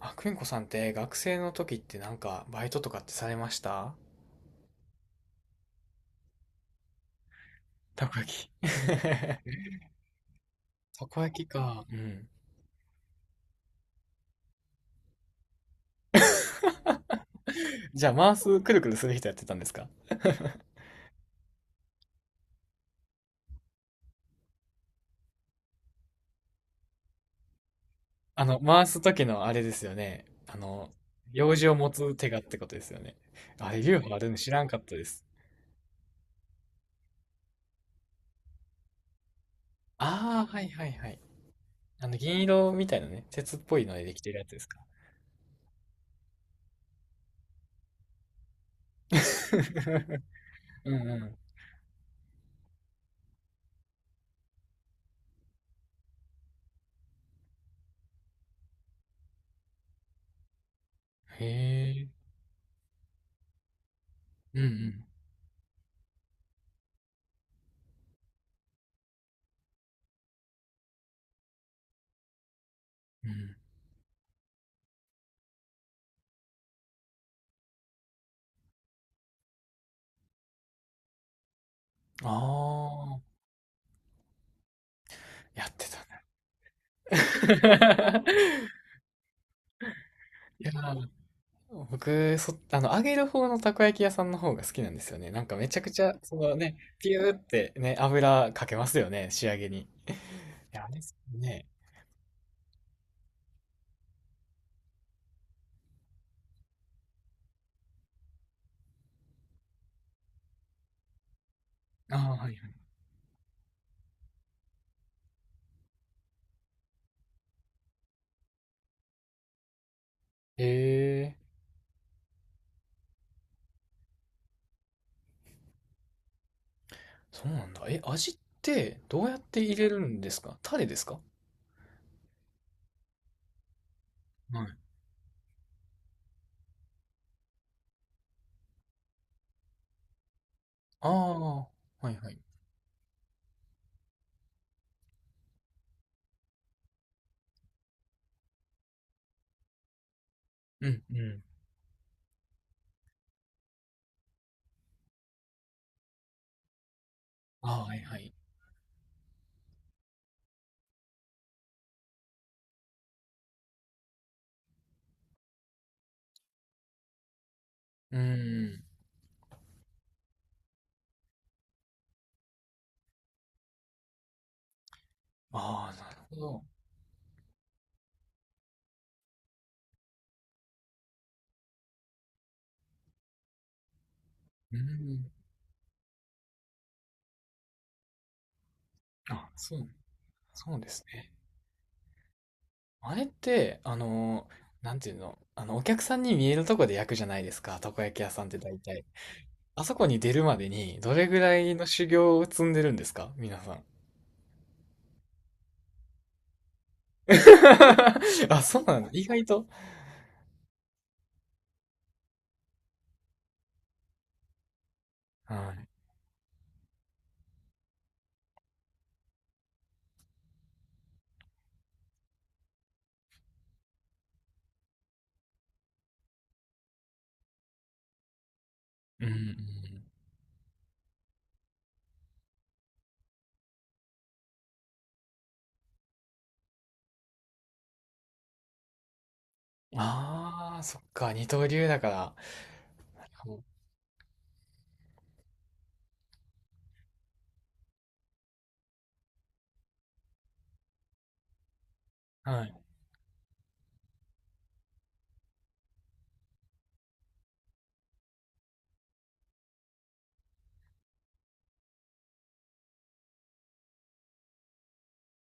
あ、くんこさんって学生の時ってなんかバイトとかってされました？たこ焼き。たこ焼きか。うん。じゃあ回す、くるくるする人やってたんですか？あの、回す時のあれですよね。あの、用事を持つ手がってことですよね。あれ、流派あるの知らんかったです。ああ、はいはいはい。あの、銀色みたいなね、鉄っぽいのでできてるやつですか？ うんうん。へえ。うんうん。うん。ああ、やってたね。いやー、僕、あの、揚げる方のたこ焼き屋さんの方が好きなんですよね。なんかめちゃくちゃ、そのね、ピューってね、油かけますよね、仕上げに。いや、あれですよね。ああ、はいはい。へえ、そうなんだ。え、味ってどうやって入れるんですか？タレですか？はい。ああ、はいはい。うんうん。ああ、はいはい。うん。ああ、なるほど。うん。あ、そう、そうですね。あれって、あの、なんていうの、あの、お客さんに見えるとこで焼くじゃないですか、たこ焼き屋さんって大体。あそこに出るまでに、どれぐらいの修行を積んでるんですか、皆さん？あ、そうなんだ。意外と。はい。うん、うん。ああ、そっか、二刀流だから。はい、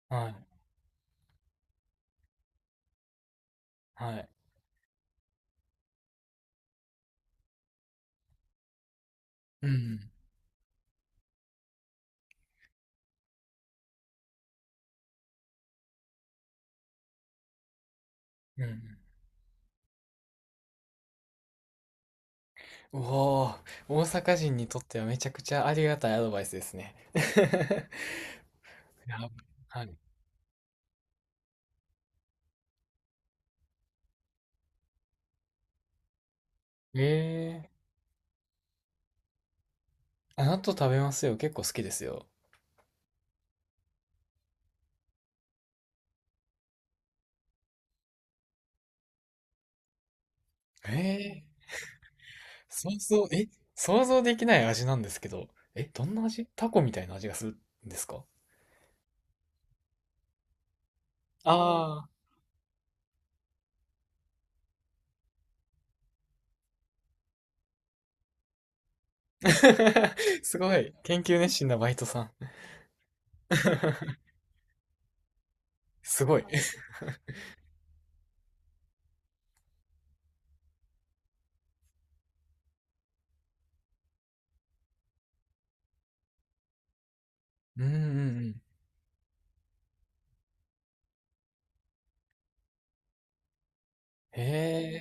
はい、はい。うん、うん。おおー、大阪人にとってはめちゃくちゃありがたいアドバイスですね。やばい。はい。ええ、納豆食べますよ。結構好きですよ。ええ、想像、え、想像できない味なんですけど、え、どんな味？タコみたいな味がするんですか？ああー、すごい。研究熱心なバイトさん。すごい。うんうんうん。へえ、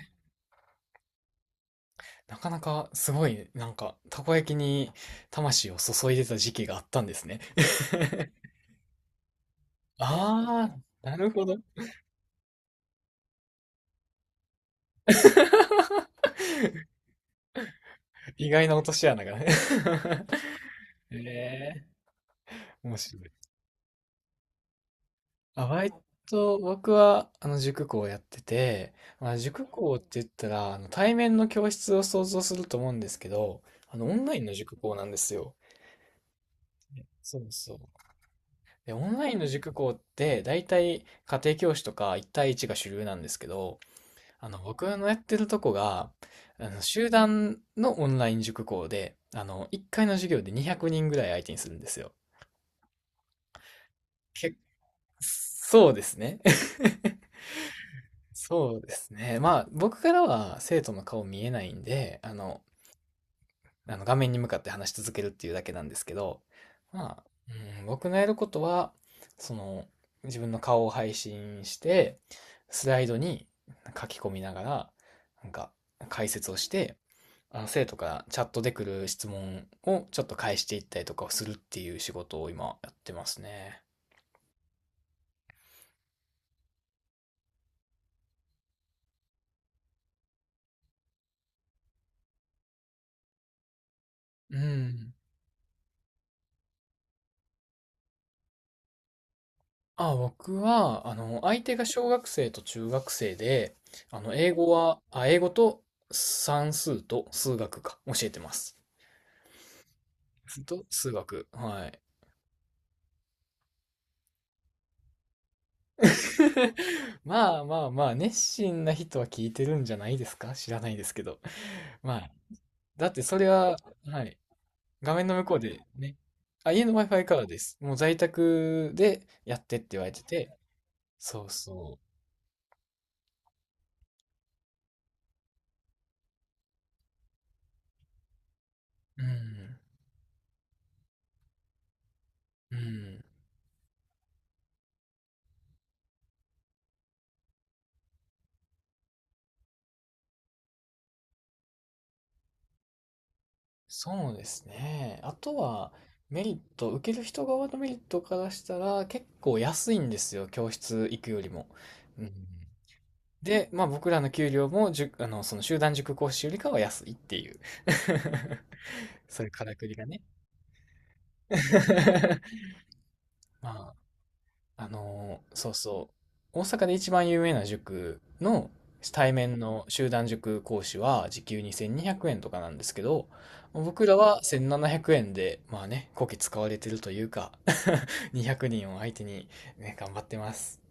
なかなかすごいね、なんか、たこ焼きに魂を注いでた時期があったんですね。ああ、なるほど。意外な落とし穴がね。へえ、面白い。あ、バイト、僕は、あの、塾講をやってて、まあ、塾講って言ったら、あの、対面の教室を想像すると思うんですけど、あの、オンラインの塾講なんですよ。そうそう。で、オンラインの塾講って、大体、家庭教師とか、一対一が主流なんですけど、あの、僕のやってるとこが、あの、集団のオンライン塾講で、あの、1回の授業で200人ぐらい相手にするんですよ。け、そうですね。そうですね。まあ、僕からは生徒の顔見えないんで、あの、あの画面に向かって話し続けるっていうだけなんですけど、まあ、うん、僕のやることは、その、自分の顔を配信して、スライドに書き込みながら、なんか、解説をして、あの、生徒からチャットで来る質問をちょっと返していったりとかをするっていう仕事を今やってますね。うん。あ、僕は、あの、相手が小学生と中学生で、あの、英語は、英語と算数と数学か、教えてます。と、数学。はい。まあまあまあ、熱心な人は聞いてるんじゃないですか、知らないですけど。まあ、だってそれは、はい。画面の向こうでね。あ、家の Wi-Fi からです。もう在宅でやってって言われてて。そうそう。うん。うん。そうですね。あとは、メリット、受ける人側のメリットからしたら、結構安いんですよ、教室行くよりも。うん、で、まあ僕らの給料も、あの、その集団塾講師よりかは安いっていう。そういうからくりがね。まああのーそうそう。大阪で一番有名な塾の対面の集団塾講師は時給2200円とかなんですけど、僕らは1700円で、まあね、こき使われてるというか。 200人を相手に、ね、頑張ってます。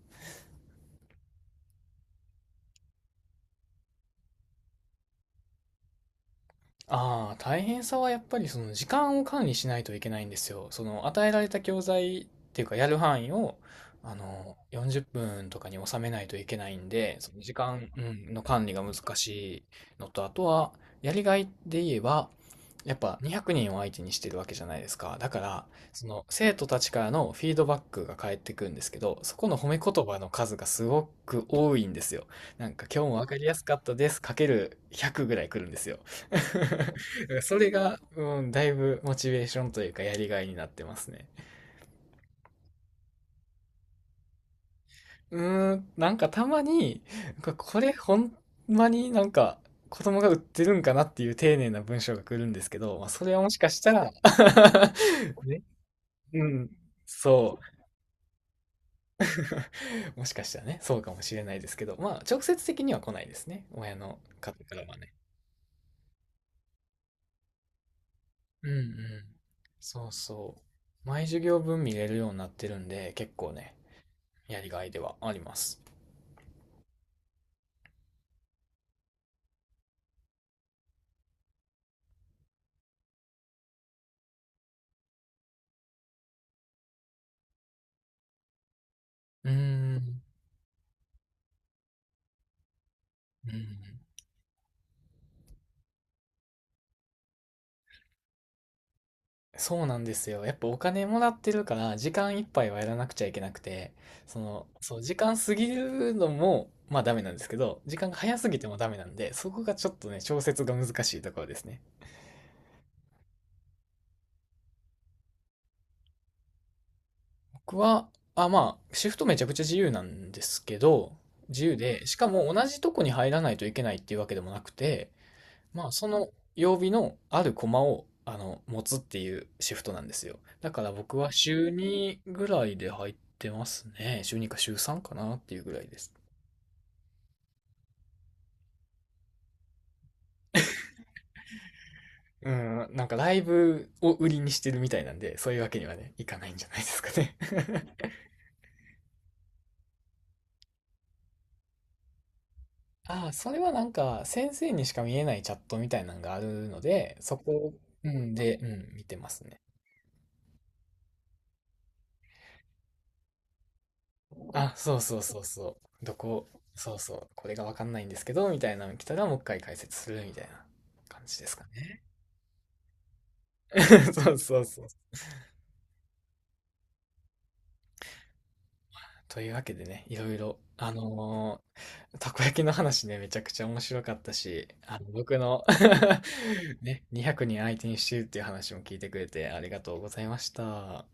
ああ、大変さはやっぱりその時間を管理しないといけないんですよ。その与えられた教材っていうかやる範囲をあの40分とかに収めないといけないんで、その時間、の管理が難しいのと、あとはやりがいで言えば、やっぱ200人を相手にしてるわけじゃないですか。だから、その生徒たちからのフィードバックが返ってくるんですけど、そこの褒め言葉の数がすごく多いんですよ。なんか今日もわかりやすかったです、かける100ぐらい来るんですよ。それが、うん、だいぶモチベーションというかやりがいになってますね。うーん、なんかたまに、これほんまになんか子供が売ってるんかなっていう丁寧な文章が来るんですけど、まあ、それはもしかしたら。 ね、うん、そう、もしかしたらね、そうかもしれないですけど、まあ直接的には来ないですね。親の方からはね。うんうん。そうそう。毎授業分見れるようになってるんで、結構ね、やりがいではあります。うーん、うん。そうなんですよ。やっぱお金もらってるから、時間いっぱいはやらなくちゃいけなくて、その、そう、時間過ぎるのも、まあダメなんですけど、時間が早すぎてもダメなんで、そこがちょっとね、調節が難しいところですね。僕は、まあ、シフトめちゃくちゃ自由なんですけど、自由で、しかも同じとこに入らないといけないっていうわけでもなくて、まあ、その曜日のあるコマを、あの、持つっていうシフトなんですよ。だから僕は週2ぐらいで入ってますね。週2か週3かなっていうぐらいです。うん、なんかライブを売りにしてるみたいなんで、そういうわけにはね、いかないんじゃないですかね。 ああ、それはなんか先生にしか見えないチャットみたいなのがあるので、そこ、うんで、うん、見てますね。あ、そうそうそうそう。どこ、そうそう、これがわかんないんですけど、みたいなの来たらもう一回解説するみたいな感じですかね。そうそうそう。というわけでね、いろいろ、あの、たこ焼きの話ね、めちゃくちゃ面白かったし、あの、僕の、 ね、200人相手にしてるっていう話も聞いてくれてありがとうございました。